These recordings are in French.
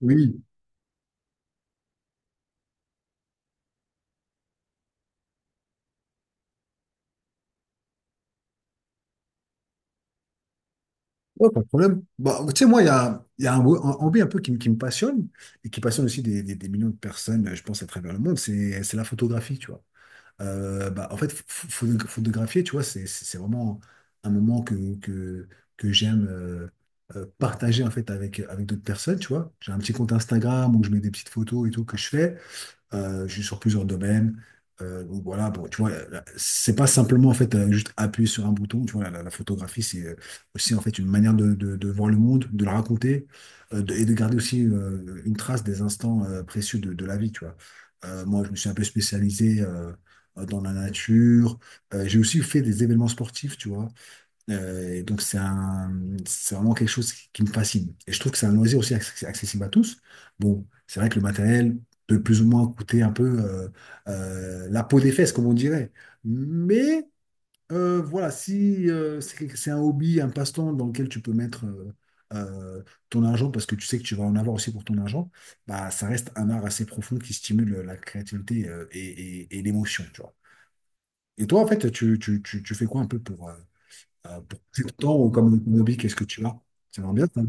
Oui, ouais, pas de problème. Bah, tu sais, moi, il y a un, un hobby un peu qui me passionne et qui passionne aussi des millions de personnes, je pense, à travers le monde, c'est la photographie, tu vois. Bah, en fait, photographier, tu vois, c'est vraiment un moment que j'aime partager en fait avec, avec d'autres personnes, tu vois. J'ai un petit compte Instagram où je mets des petites photos et tout que je fais. Sur plusieurs domaines. Donc voilà, bon, tu vois, c'est pas simplement en fait juste appuyer sur un bouton. Tu vois, la photographie, c'est aussi en fait une manière de, de voir le monde, de le raconter et de garder aussi une trace des instants précieux de la vie. Tu vois. Moi, je me suis un peu spécialisé dans la nature. J'ai aussi fait des événements sportifs, tu vois. Euh, et donc c'est un, c'est vraiment quelque chose qui me fascine. Et je trouve que c'est un loisir aussi accessible à tous. Bon, c'est vrai que le matériel peut plus ou moins coûter un peu la peau des fesses, comme on dirait. Mais voilà, si c'est un hobby, un passe-temps dans lequel tu peux mettre euh, ton argent, parce que tu sais que tu vas en avoir aussi pour ton argent, bah ça reste un art assez profond qui stimule la créativité et l'émotion, tu vois. Et toi, en fait, tu fais quoi un peu pour passer ton temps ou comme hobby, qu'est-ce que tu as? J'aimerais bien ça.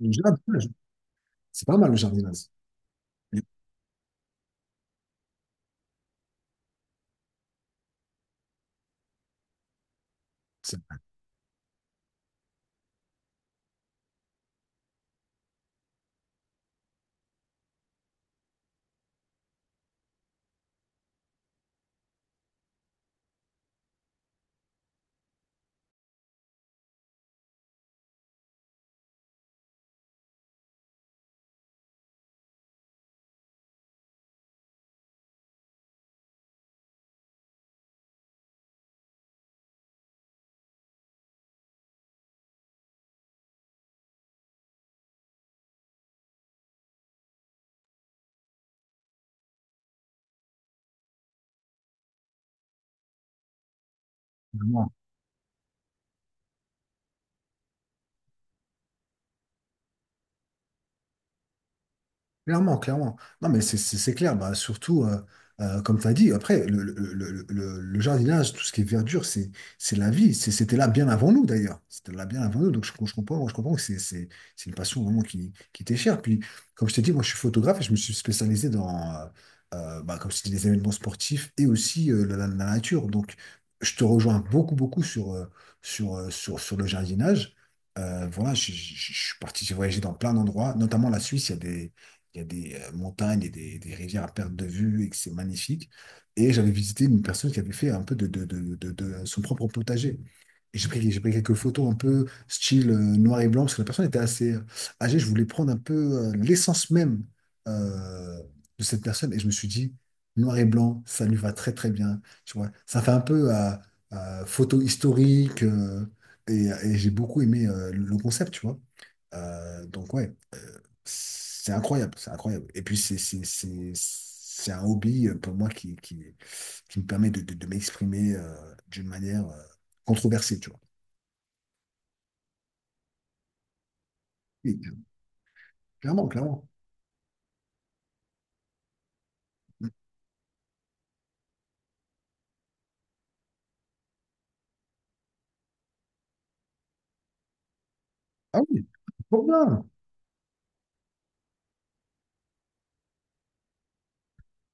Le jardinage, c'est pas mal le jardinage. Mais c'est- Clairement, clairement. Non, mais c'est clair. Bah, surtout, comme tu as dit, après, le jardinage, tout ce qui est verdure, c'est la vie. C'était là bien avant nous, d'ailleurs. C'était là bien avant nous. Donc, je comprends que c'est une passion vraiment qui t'est chère. Puis, comme je t'ai dit, moi, je suis photographe et je me suis spécialisé dans, euh, bah, comme je t'ai dit, les événements sportifs et aussi la, la nature. Donc, je te rejoins beaucoup, beaucoup sur, sur le jardinage. Voilà, je suis parti voyager dans plein d'endroits, notamment la Suisse. Il y a des montagnes et des rivières à perte de vue et que c'est magnifique. Et j'avais visité une personne qui avait fait un peu de son propre potager. Et j'ai pris quelques photos un peu style noir et blanc, parce que la personne était assez âgée. Je voulais prendre un peu l'essence même euh, de cette personne. Et je me suis dit, noir et blanc, ça lui va très très bien. Tu vois, ça fait un peu à photo historique. Et j'ai beaucoup aimé le concept, tu vois. Donc ouais, c'est incroyable, c'est incroyable. Et puis, c'est un hobby pour moi qui me permet de m'exprimer d'une manière controversée, tu vois. Et, clairement, clairement. Ah oui, trop bien.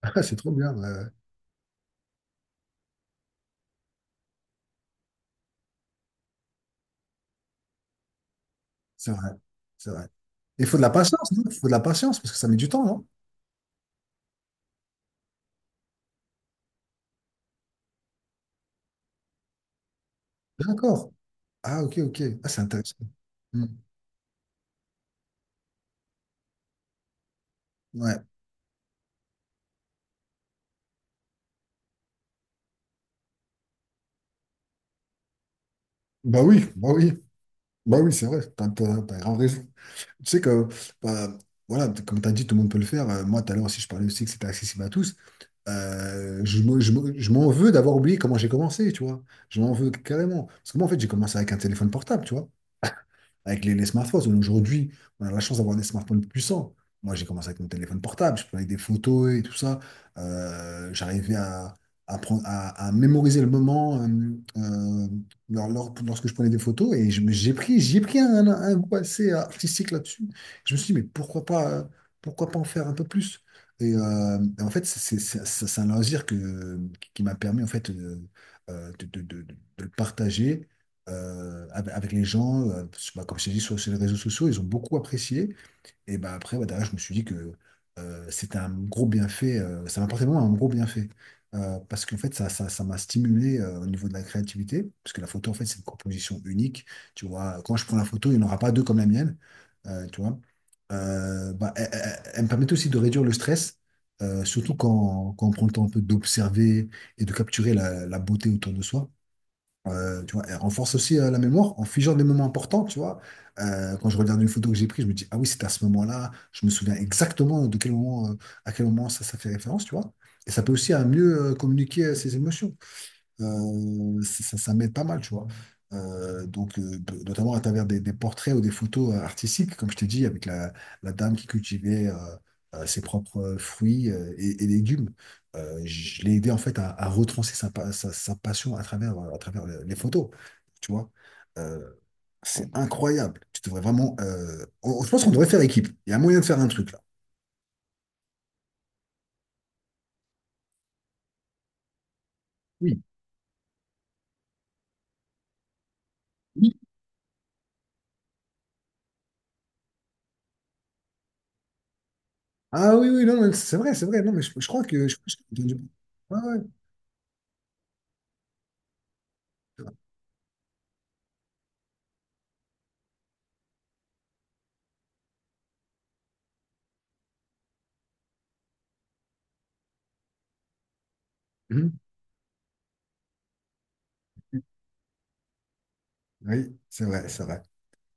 C'est trop bien. Ouais, ouais. C'est vrai, c'est vrai. Il faut de la patience, non? Il faut de la patience parce que ça met du temps, non? D'accord. Ah, ok, ok. Ah, c'est intéressant. Hmm. Ouais. Bah oui, bah oui. Bah oui, c'est vrai. T'as grave raison. Tu sais que, bah, voilà, comme tu as dit, tout le monde peut le faire. Moi, tout à l'heure aussi, je parlais aussi que c'était accessible à tous. Je m'en veux d'avoir oublié comment j'ai commencé, tu vois. Je m'en veux carrément. Parce que moi, en fait, j'ai commencé avec un téléphone portable, tu vois avec les smartphones. Aujourd'hui, on a la chance d'avoir des smartphones puissants. Moi, j'ai commencé avec mon téléphone portable, je prenais des photos et tout ça. J'arrivais à mémoriser le moment euh, lorsque je prenais des photos et je me- j'ai pris un goût assez artistique là-dessus. Je me suis dit, mais pourquoi pas en faire un peu plus? Et en fait, c'est un loisir que, qui m'a permis en fait, de le partager avec, avec les gens, parce que, bah, comme je t'ai dit, sur, sur les réseaux sociaux, ils ont beaucoup apprécié. Et bah, après, bah, derrière, je me suis dit que c'était un gros bienfait, ça m'a apporté vraiment un gros bienfait. Parce qu'en fait, ça m'a stimulé au niveau de la créativité, parce que la photo, en fait, c'est une composition unique. Tu vois, quand je prends la photo, il n'y en aura pas deux comme la mienne. Tu vois. Bah, elle me permet aussi de réduire le stress. Surtout quand, quand on prend le temps un peu d'observer et de capturer la, la beauté autour de soi. Tu vois, elle renforce aussi la mémoire en figeant des moments importants, tu vois. Quand je regarde une photo que j'ai prise, je me dis, ah oui, c'était à ce moment-là, je me souviens exactement de quel moment, à quel moment ça fait référence, tu vois. Et ça peut aussi à mieux communiquer ses émotions. Ça m'aide pas mal, tu vois. Notamment à travers des portraits ou des photos artistiques, comme je t'ai dit, avec la, la dame qui cultivait ses propres fruits et légumes. Je l'ai aidé en fait à retracer sa passion à travers les photos, tu vois. Euh, c'est incroyable. Tu devrais vraiment. Je pense qu'on devrait faire équipe. Il y a moyen de faire un truc là. Oui. Oui. Ah oui, oui, non, mais c'est vrai, c'est vrai. Non, mais je crois que. Je- Ouais, ouais. Mhm. Oui, c'est vrai, c'est vrai.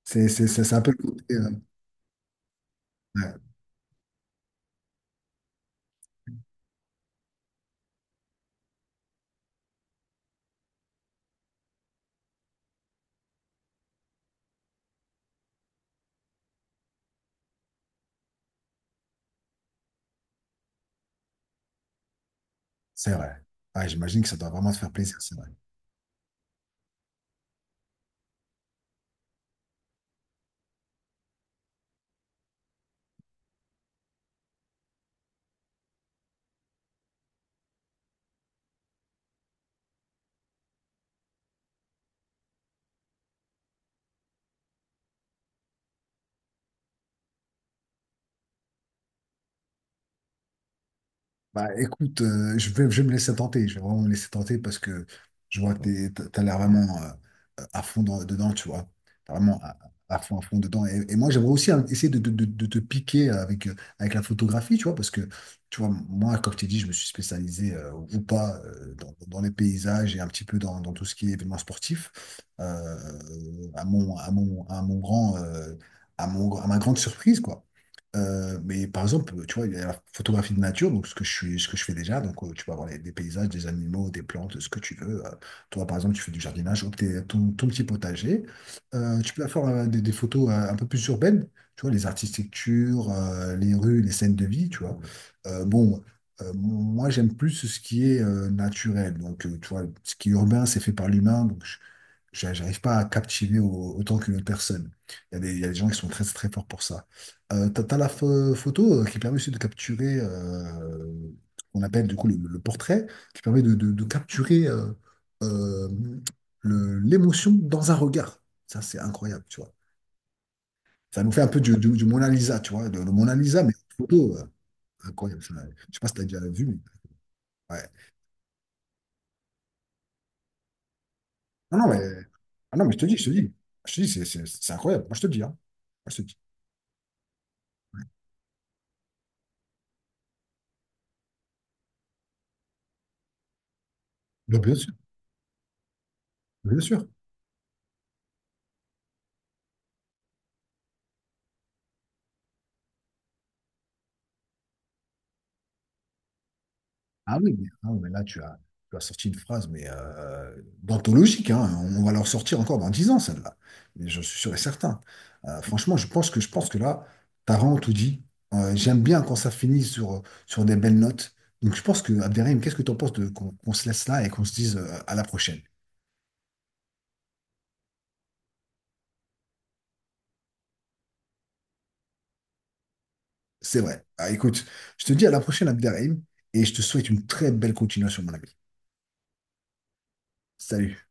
C'est un peu le côté. Ouais, c'est vrai. Ouais, j'imagine que ça doit vraiment te faire plaisir, c'est vrai. Bah écoute, je vais me laisser tenter, je vais vraiment me laisser tenter parce que je vois que tu as l'air vraiment à fond dedans, tu vois. T'as vraiment à fond dedans. Et moi, j'aimerais aussi hein, essayer de te piquer avec, avec la photographie, tu vois, parce que, tu vois, moi, comme je t'ai dit, je me suis spécialisé ou pas dans, dans les paysages et un petit peu dans, dans tout ce qui est événement sportif. Euh, à mon grand, à ma grande surprise, quoi. Mais par exemple, tu vois, il y a la photographie de nature, donc ce que je suis, ce que je fais déjà. Donc, tu peux avoir des paysages, des animaux, des plantes, ce que tu veux. Toi, par exemple, tu fais du jardinage, ou ton, ton petit potager. Tu peux faire des photos un peu plus urbaines, tu vois, les architectures, les rues, les scènes de vie, tu vois. Euh, bon, Moi, j'aime plus ce qui est naturel. Donc, tu vois, ce qui est urbain, c'est fait par l'humain. J'arrive pas à captiver autant qu'une autre personne. Il y a des gens qui sont très très forts pour ça. T'as la photo qui permet aussi de capturer, on appelle du coup le portrait, qui permet de capturer euh, l'émotion dans un regard. Ça, c'est incroyable, tu vois. Ça nous fait un peu du Mona Lisa, tu vois, le Mona Lisa, mais en photo, incroyable ça. Je sais pas si t'as déjà vu, mais ouais. Non, non, mais, ah non, mais je te dis, c'est incroyable. Moi, je te dis, hein. Moi, je te dis. Bah, bien sûr, bien sûr. Ah, oui, mais là, tu as sorti une phrase, mais d'anthologique, hein. On va leur sortir encore dans 10 ans, celle-là. Mais je suis sûr et certain. Franchement, je pense que là, t'as vraiment tout dit. J'aime bien quand ça finit sur, sur des belles notes. Donc, je pense que, Abderrahim, qu'est-ce que tu en penses de, qu'on se laisse là et qu'on se dise à la prochaine? C'est vrai. Ah, écoute, je te dis à la prochaine, Abderrahim, et je te souhaite une très belle continuation, mon ami. Salut.